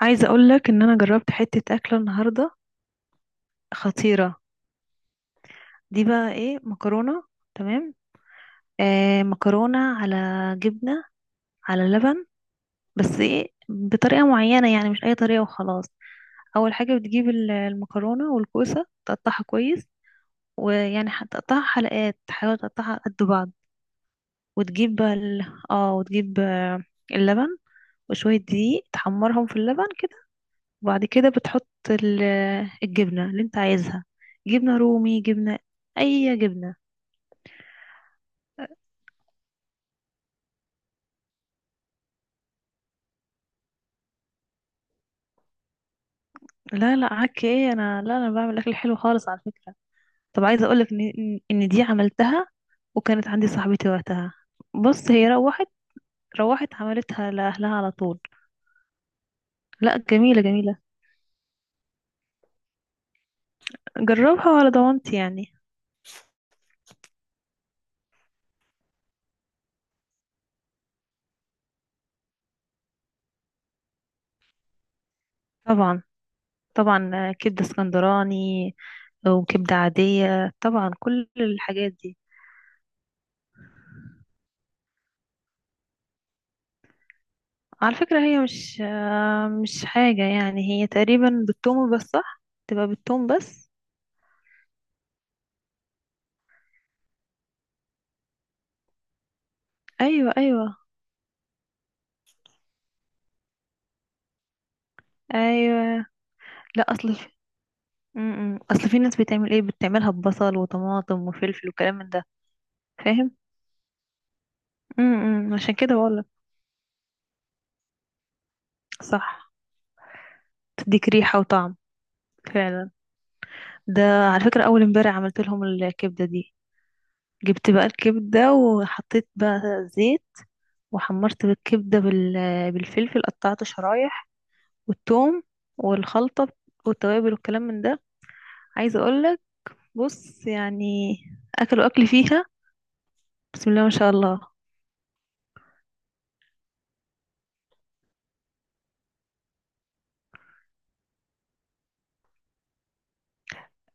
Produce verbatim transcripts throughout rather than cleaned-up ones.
عايزه اقول لك ان انا جربت حته اكله النهارده. خطيره. دي بقى ايه، مكرونه؟ تمام. آه، مكرونه على جبنه، على لبن. بس ايه، بطريقه معينه، يعني مش اي طريقه وخلاص. اول حاجه بتجيب ال- المكرونه والكوسه، تقطعها كويس، ويعني هتقطعها حلقات، تحاول تقطعها قد بعض. وتجيب بقى ال... اه وتجيب آه، اللبن وشويه دقيق، تحمرهم في اللبن. وبعد كده بتحط ال- الجبنة اللي انت عايزها. جبنة رومي، جبنة، اي جبنة. لا لا، عك ايه، انا لا، انا بعمل اكل حلو خالص على فكرة. طب عايزة اقولك ان ان إن دي عملتها، وكانت عندي صاحبتي وقتها. بص هي روحت، روحت عملتها لأهلها على طول. لا، جميلة جميلة. جربها وعلى ضمانتي يعني. طبعا، طبعا. كبدة اسكندراني، وكبدة عادية، طبعا كل الحاجات دي. على فكرة هي مش آه، مش حاجة، يعني هي تقريبا بالثوم بس، صح، تبقى بالثوم بس. ايوه، ايوه، ايوه. لا، اصل في م- م. اصل في ناس بتعمل ايه، بتعملها ببصل وطماطم وفلفل وكلام من ده. فاهم. م- م. عشان كده بقولك. صح، تديك ريحة وطعم، فعلا. ده، على فكرة اول امبارح عملت لهم الكبدة دي. جبت بقى الكبدة وحطيت بقى زيت، وحمرت بالكبدة بال... بالفلفل، قطعته شرايح، والثوم والخلطة والتوابل والكلام من ده. عايزة اقولك، بص يعني، اكلوا اكل فيها، بسم الله ما شاء الله.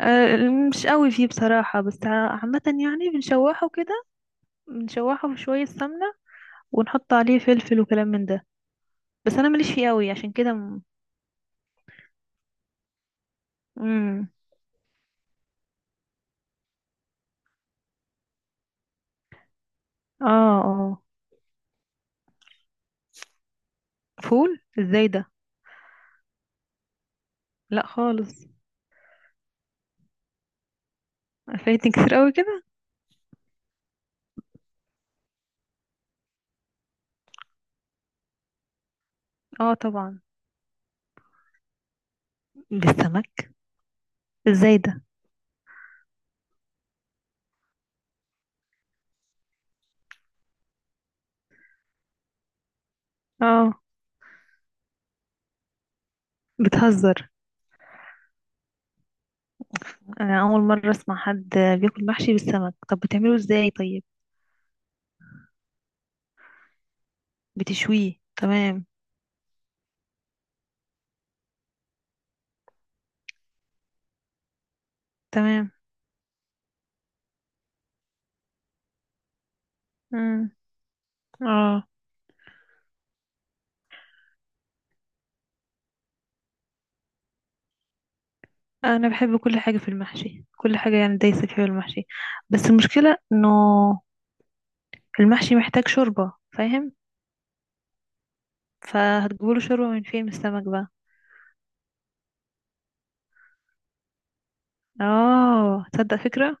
أه، مش قوي فيه بصراحة، بس ع- عامة يعني بنشوحه كده، بنشوحه في شوية سمنة ونحط عليه فلفل وكلام من ده. بس انا ماليش فيه قوي، عشان كده م... مم. اه، اه. فول ازاي ده؟ لا خالص. فايتني كتير قوي كده. اه طبعا. بالسمك؟ ازاي ده؟ اه. بتهزر. انا اول مره اسمع حد بياكل محشي بالسمك، طب بتعمله ازاي طيب؟ بتشويه تمام. تمام. امم. اه. انا بحب كل حاجه في المحشي، كل حاجه، يعني دايسه فيها المحشي، بس المشكله انه المحشي محتاج شوربه، فاهم؟ فهتجيبوله شوربه من فين، من السمك بقى؟ اه تصدق، فكره،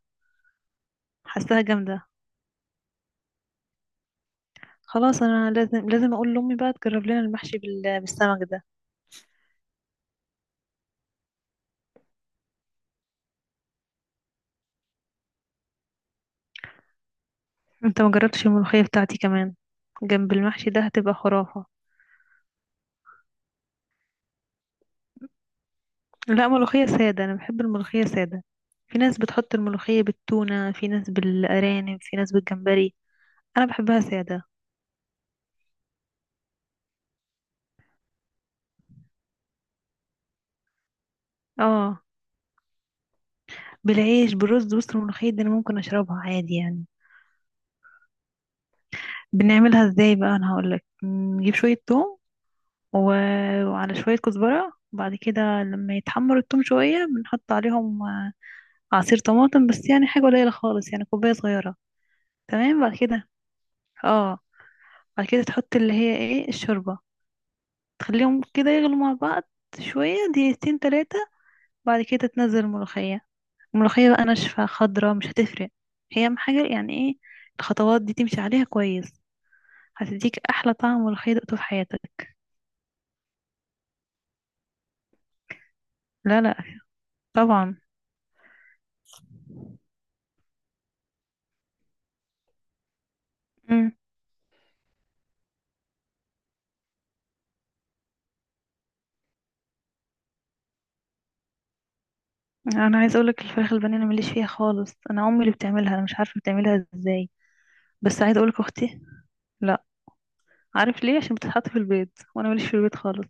حاساها جامده. خلاص، انا لازم لازم اقول لامي بقى تجرب لنا المحشي بال- بالسمك ده. انت ما جربتش الملوخيه بتاعتي كمان، جنب المحشي ده هتبقى خرافه. لا، ملوخية سادة، أنا بحب الملوخية سادة. في ناس بتحط الملوخية بالتونة، في ناس بالأرانب، في ناس بالجمبري. أنا بحبها سادة. اه، بالعيش، بالرز. بص الملوخية دي أنا ممكن أشربها عادي يعني. بنعملها ازاي بقى، أنا هقولك. نجيب شوية توم و... وعلى شوية كزبرة، وبعد كده لما يتحمر التوم شوية بنحط عليهم عصير طماطم، بس يعني حاجة قليلة خالص، يعني كوباية صغيرة. تمام. بعد كده، اه، بعد كده تحط اللي هي ايه، الشوربة، تخليهم كده يغلوا مع بعض شوية، دقيقتين تلاتة. بعد كده تنزل الملوخية. الملوخية بقى ناشفة خضرة، مش هتفرق. هي أهم حاجة، يعني ايه، الخطوات دي تمشي عليها كويس، هتديك أحلى طعم ملوخية دقته في حياتك. لا لا، طبعا. مم. أنا عايزة أقولك، الفراخ البانيه أنا مليش فيها خالص، أنا أمي اللي بتعملها، أنا مش عارفة بتعملها ازاي. بس عايزة أقولك أختي. لا. عارف ليه؟ عشان بتتحط في البيض، وأنا مليش في البيض خالص.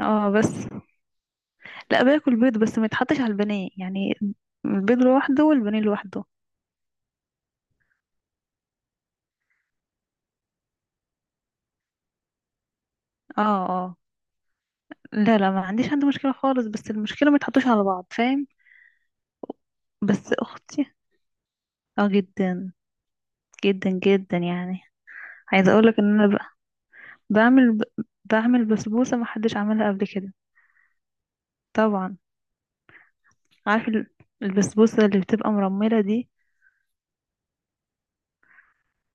اه بس، لا، باكل بيض، بس ما يتحطش على البانيه يعني. البيض لوحده والبانيه لوحده. اه، اه. لا لا، ما عنديش، عندي مشكلة خالص، بس المشكلة ما يتحطوش على بعض، فاهم؟ بس اختي، اه جدا، جدا جدا يعني. عايزة اقولك ان انا بقى بعمل بعمل بسبوسة ما حدش عملها قبل كده. طبعا. عارف ال- البسبوسة اللي بتبقى مرملة دي،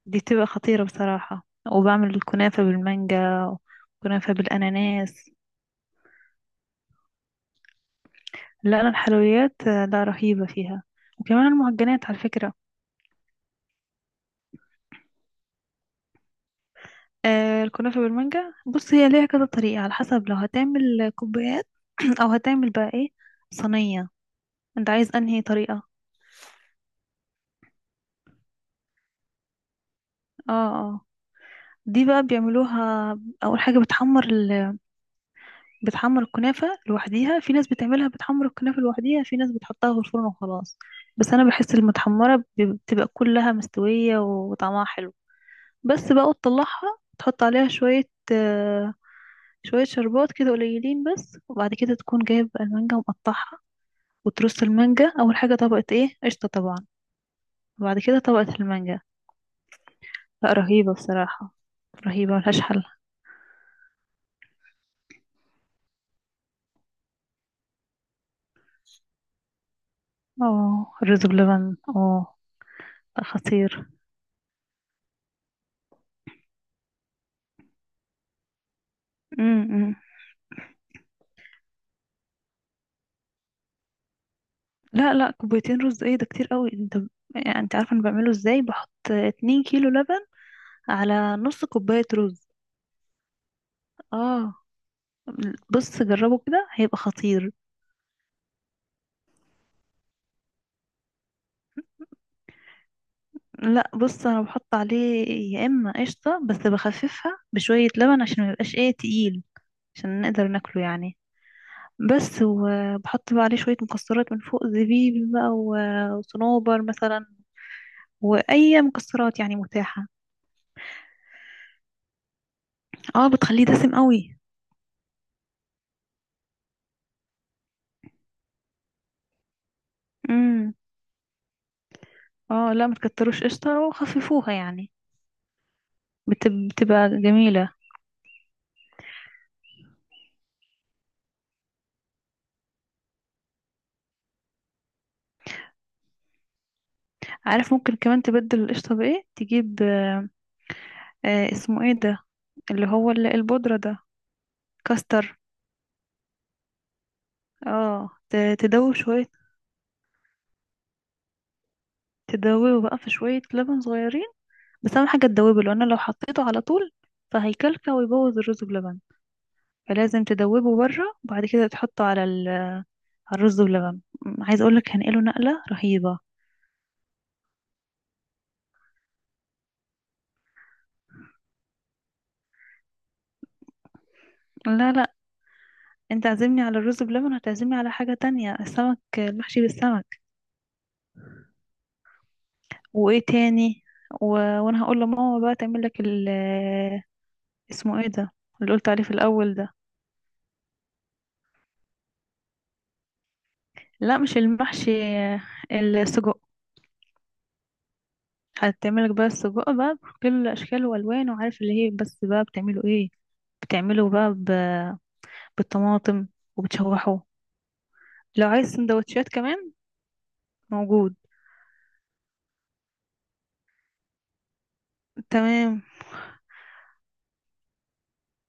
دي بتبقى خطيرة بصراحة. وبعمل الكنافة بالمانجا، وكنافة بالاناناس. لا انا الحلويات آه، لا، رهيبة فيها، وكمان المعجنات على فكرة. آه الكنافة بالمانجا، بص هي ليها كذا طريقة، على حسب، لو هتعمل كوبايات او هتعمل بقى ايه، صينية. انت عايز انهي طريقة؟ اه، اه. دي بقى بيعملوها. اول حاجة بتحمر ال... بتحمر الكنافة لوحديها. في ناس بتعملها بتحمر الكنافة لوحديها، في ناس بتحطها في الفرن وخلاص. بس انا بحس المتحمرة بي- بتبقى كلها مستوية وطعمها حلو. بس بقى تطلعها، تحط عليها شوية، آه شوية شربات كده قليلين بس، وبعد كده تكون جايب المانجا ومقطعها وترص المانجا. اول حاجه طبقه ايه، قشطه طبعا، وبعد كده طبقه المانجا. لا رهيبه بصراحه، رهيبه ملهاش حل. اه الرز بلبن، اه. ده خطير. امم. لا لا، كوبايتين رز، ايه ده، كتير قوي انت. يعني انت عارفه انا بعمله ازاي؟ بحط اثنين كيلو لبن على نص كوبايه رز. اه، بص جربه كده هيبقى خطير. لا بص انا بحط عليه، يا اما قشطه بس بخففها بشويه لبن عشان ما يبقاش ايه، تقيل، عشان نقدر ناكله يعني. بس، وبحط بقى عليه شوية مكسرات من فوق، زبيب بقى و- وصنوبر مثلا، وأي مكسرات يعني متاحة. اه بتخليه دسم قوي. امم. اه لا، ما تكتروش قشطة وخففوها يعني، بت- بتبقى جميلة. عارف ممكن كمان تبدل القشطة بإيه، تجيب آه آه، اسمه ايه ده، اللي هو ال- البودرة ده، كاستر. اه، ت- تدوب شوية، تدوبه بقى في شوية لبن صغيرين بس. أهم حاجة تدوبه، لأن لو حطيته على طول فهيكلكع ويبوظ الرز بلبن، فلازم تدوبه بره وبعد كده تحطه على ال- على الرز بلبن. م- عايز اقولك هنقله نقلة رهيبة. لا لا. انت عازمني على الرز بلبن، هتعزمني على حاجة تانية، السمك، المحشي بالسمك. وايه تاني. و... وانا هقول لماما بقى تعمل لك ال... اسمه ايه ده، اللي قلت عليه في الاول ده. لا مش المحشي، السجق. هتعملك بقى السجق بقى بكل اشكاله والوانه، وعارف اللي هي بس بقى بتعمله ايه؟ بتعمله بقى ب... بالطماطم، وبتشوحه. لو عايز سندوتشات كمان موجود. تمام.